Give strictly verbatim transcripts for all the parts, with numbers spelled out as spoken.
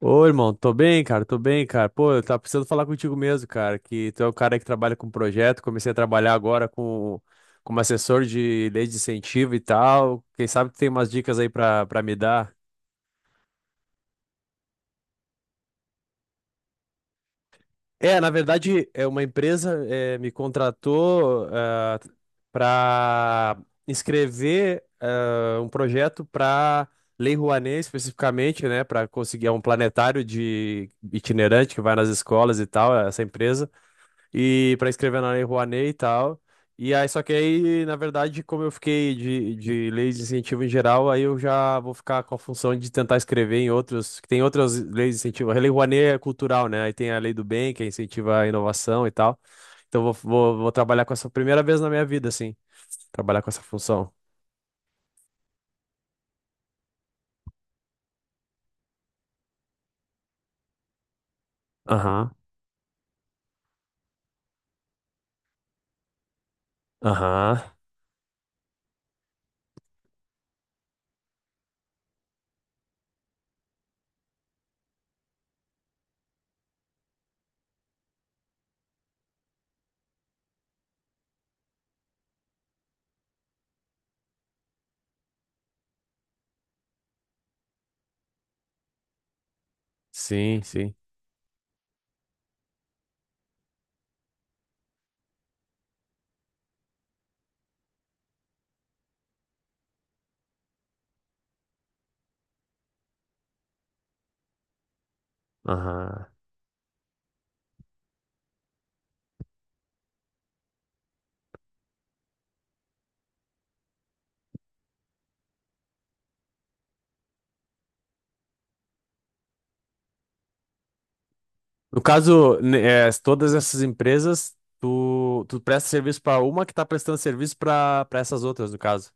Ô, irmão, tô bem, cara, tô bem, cara. Pô, eu tava precisando falar contigo mesmo, cara, que tu é o cara que trabalha com projeto, comecei a trabalhar agora com como assessor de lei de incentivo e tal. Quem sabe tu tem umas dicas aí pra, pra me dar? É, na verdade, é uma empresa eh, me contratou para escrever ah, um projeto para Lei Rouanet, especificamente, né. Para conseguir é um planetário de itinerante que vai nas escolas e tal, essa empresa. E para escrever na Lei Rouanet e tal. E aí, só que aí, na verdade, como eu fiquei de, de leis de incentivo em geral, aí eu já vou ficar com a função de tentar escrever em outros, que tem outras leis de incentivo. A Lei Rouanet é cultural, né? Aí tem a Lei do Bem, que incentiva a inovação e tal. Então vou, vou, vou trabalhar com essa primeira vez na minha vida, assim, trabalhar com essa função. Aham, aham, sim, sim, aham. No caso, ne- eh, todas essas empresas, tu, tu presta serviço para uma que tá prestando serviço para para essas outras, no caso.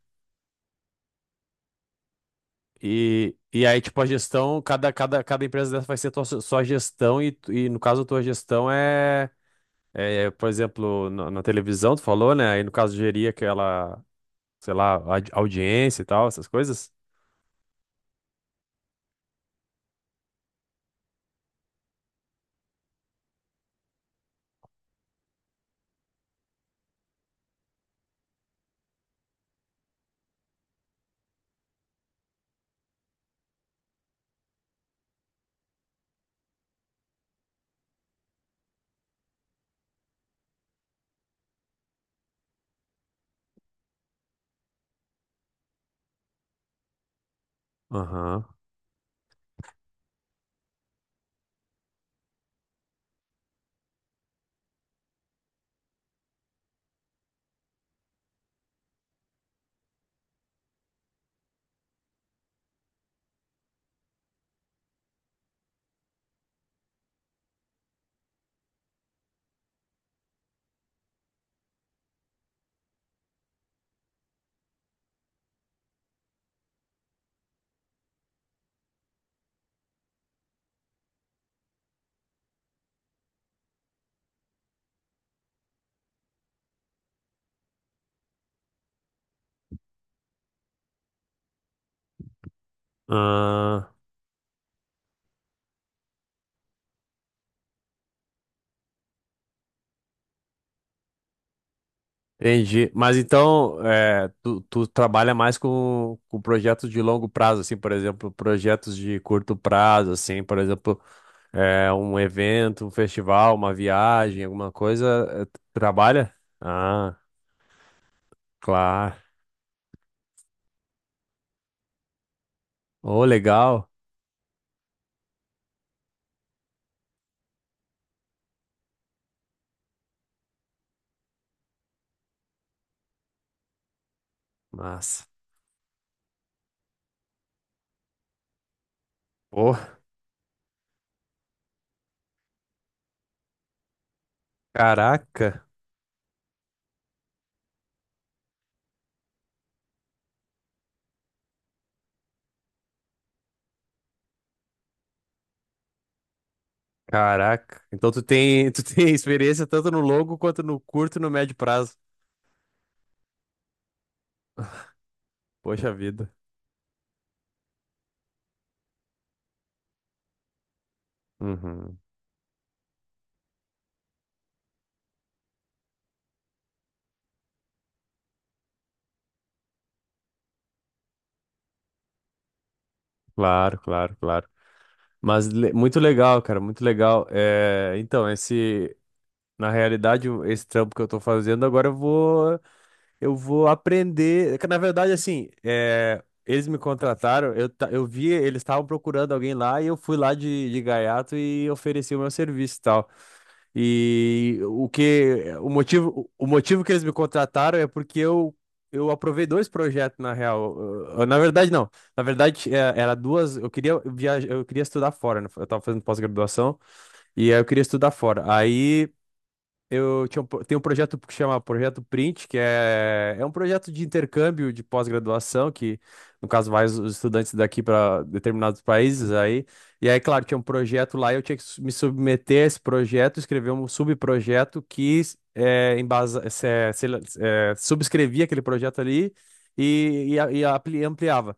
E, e aí, tipo, a gestão, cada, cada, cada empresa dessa vai ser tua, sua gestão, e, tu- e no caso, a tua gestão é, é, por exemplo, na, na televisão, tu falou, né? Aí, no caso, gerir aquela, sei lá, audi- audiência e tal, essas coisas. Aham. Ah, entendi. Mas então, é, tu, tu trabalha mais com, com projetos de longo prazo, assim, por exemplo, projetos de curto prazo, assim, por exemplo, é, um evento, um festival, uma viagem, alguma coisa, é, tu trabalha? Ah, claro. Oh, legal. Massa. Oh, caraca, caraca. Então tu tem, tu tem experiência tanto no longo quanto no curto e no médio prazo. Poxa vida. Uhum. Claro, claro, claro. Mas le- muito legal, cara, muito legal. É, então, esse, na realidade, o- esse trampo que eu tô fazendo, agora eu vou, eu vou aprender. É que, na verdade, assim, é, eles me contrataram, eu, ta- eu vi, eles estavam procurando alguém lá e eu fui lá de, de gaiato e ofereci o meu serviço e tal e o que o motivo, o motivo que eles me contrataram é porque eu eu aprovei dois projetos na real. Eu- eu- Na verdade não. Na verdade é, era duas, eu queria viajar, eu queria estudar fora, né? Eu tava fazendo pós-graduação e aí eu queria estudar fora. Aí eu tinha um, pro- tem um projeto que chama Projeto Print, que é, é um projeto de intercâmbio de pós-graduação, que no caso vai os os estudantes daqui para determinados países aí. E aí, claro, tinha um projeto lá, e eu tinha que su- me submeter a esse projeto, escrever um subprojeto que é, embasa, se- se- é, subscrevia aquele projeto ali e, e, a- e apli- ampliava.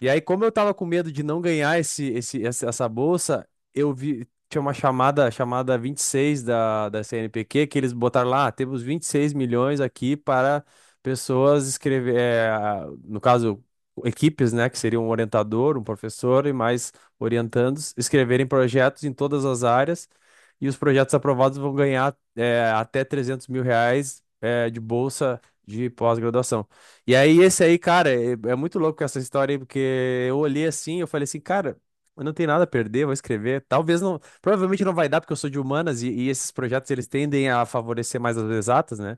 E aí, como eu tava com medo de não ganhar esse, esse, essa essa bolsa, eu vi. Tinha uma chamada, chamada vinte e seis da, da CNPq, que eles botaram lá: "Ah, temos 26 milhões aqui para pessoas escrever, eh, a- no caso, equipes, né, que seria um orientador, um professor e mais orientandos, escreverem projetos em todas as áreas, e os projetos aprovados vão ganhar, eh, até trezentos mil reais mil reais, eh, de bolsa de pós-graduação." E aí, esse aí, cara, é, é muito louco essa história aí, porque eu olhei assim, eu falei assim, cara, eu não tenho nada a perder, vou escrever. Talvez não, provavelmente não vai dar, porque eu sou de humanas e, e esses projetos eles tendem a favorecer mais as exatas, né?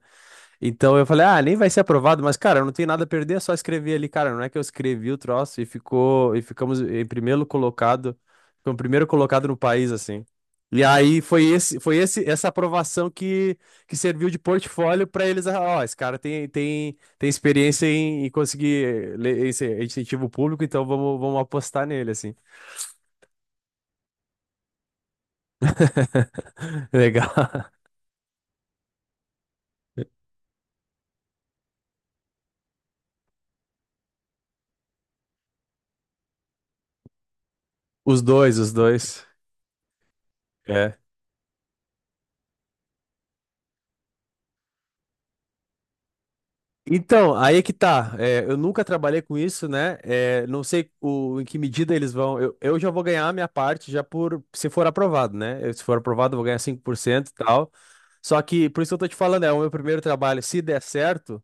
Então eu falei, ah, nem vai ser aprovado, mas cara, eu não tenho nada a perder, é só escrever ali, cara. Não é que eu escrevi o troço e ficou, e ficamos em primeiro colocado, foi o primeiro colocado no país, assim. E aí foi esse, foi esse, essa aprovação que, que serviu de portfólio para eles, ah, ó, esse cara tem, tem, tem experiência em, em conseguir le- esse incentivo público, então vamos, vamos apostar nele, assim. Legal. Os dois, os dois. É, então, aí é que tá. É, eu nunca trabalhei com isso, né? É, não sei o, em que medida eles vão. Eu, eu já vou ganhar a minha parte já por se for aprovado, né? Eu, se for aprovado, eu vou ganhar cinco por cento e tal. Só que, por isso que eu tô te falando, é o meu primeiro trabalho. Se der certo.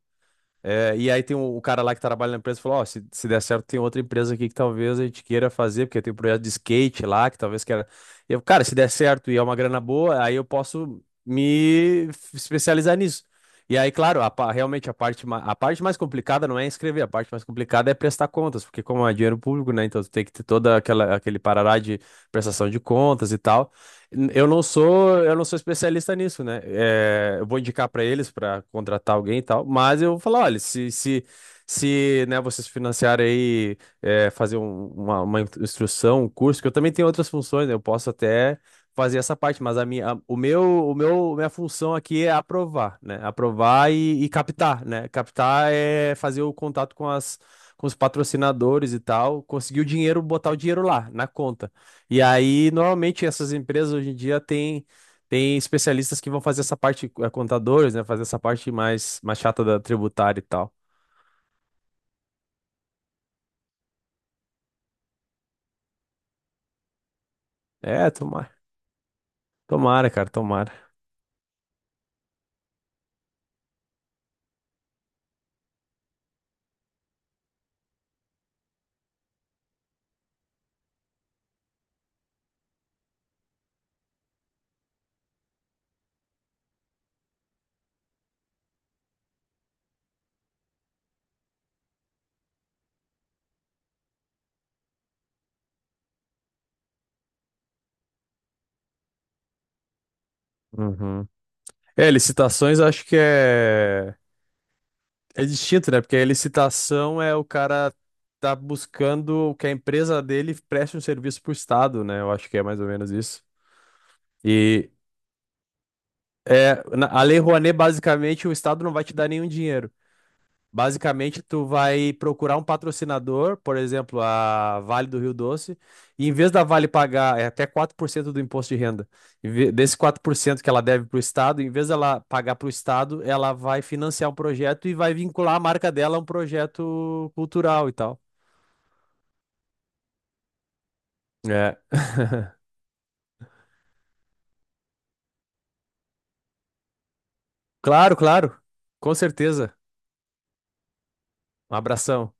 É, e aí tem o, o cara lá que trabalha na empresa e falou, ó, se, se der certo tem outra empresa aqui que talvez a gente queira fazer, porque tem um projeto de skate lá, que talvez queira... Eu, cara, se der certo e é uma grana boa, aí eu posso me f- especializar nisso. E aí, claro, a, pa- realmente a parte, ma- a parte mais complicada não é escrever, a parte mais complicada é prestar contas, porque como é dinheiro público, né, então tu tem que ter toda aquela, aquele parará de prestação de contas e tal. N- Eu não sou, eu não sou especialista nisso, né? É, eu vou indicar para eles para contratar alguém e tal, mas eu vou falar, olha, se, se, se, né, vocês financiarem aí, é, fazer um- uma, uma instrução, um curso, que eu também tenho outras funções, né? Eu posso até fazer essa parte, mas a minha, a- o meu, o meu, minha função aqui é aprovar, né? Aprovar e, e captar, né? Captar é fazer o contato com as, com os patrocinadores e tal, conseguir o dinheiro, botar o dinheiro lá na conta. E aí, normalmente, essas empresas hoje em dia têm tem especialistas que vão fazer essa parte, eh, contadores, né? Fazer essa parte mais, mais chata da tributária e tal. É, tomara. Tomara, cara, tomara. Uhum. É, licitações eu acho que é, é distinto, né? Porque a licitação é o cara tá buscando que a empresa dele preste um serviço pro Estado, né? Eu acho que é mais ou menos isso. E é, na- a Lei Rouanet, basicamente, o Estado não vai te dar nenhum dinheiro. Basicamente, tu vai procurar um patrocinador, por exemplo, a Vale do Rio Doce, e em vez da Vale pagar é até quatro por cento do imposto de renda, em ve- desse quatro por cento que ela deve para o Estado, em vez dela pagar para o Estado, ela vai financiar um projeto e vai vincular a marca dela a um projeto cultural e tal. É. Claro, claro. Com certeza. Um abração.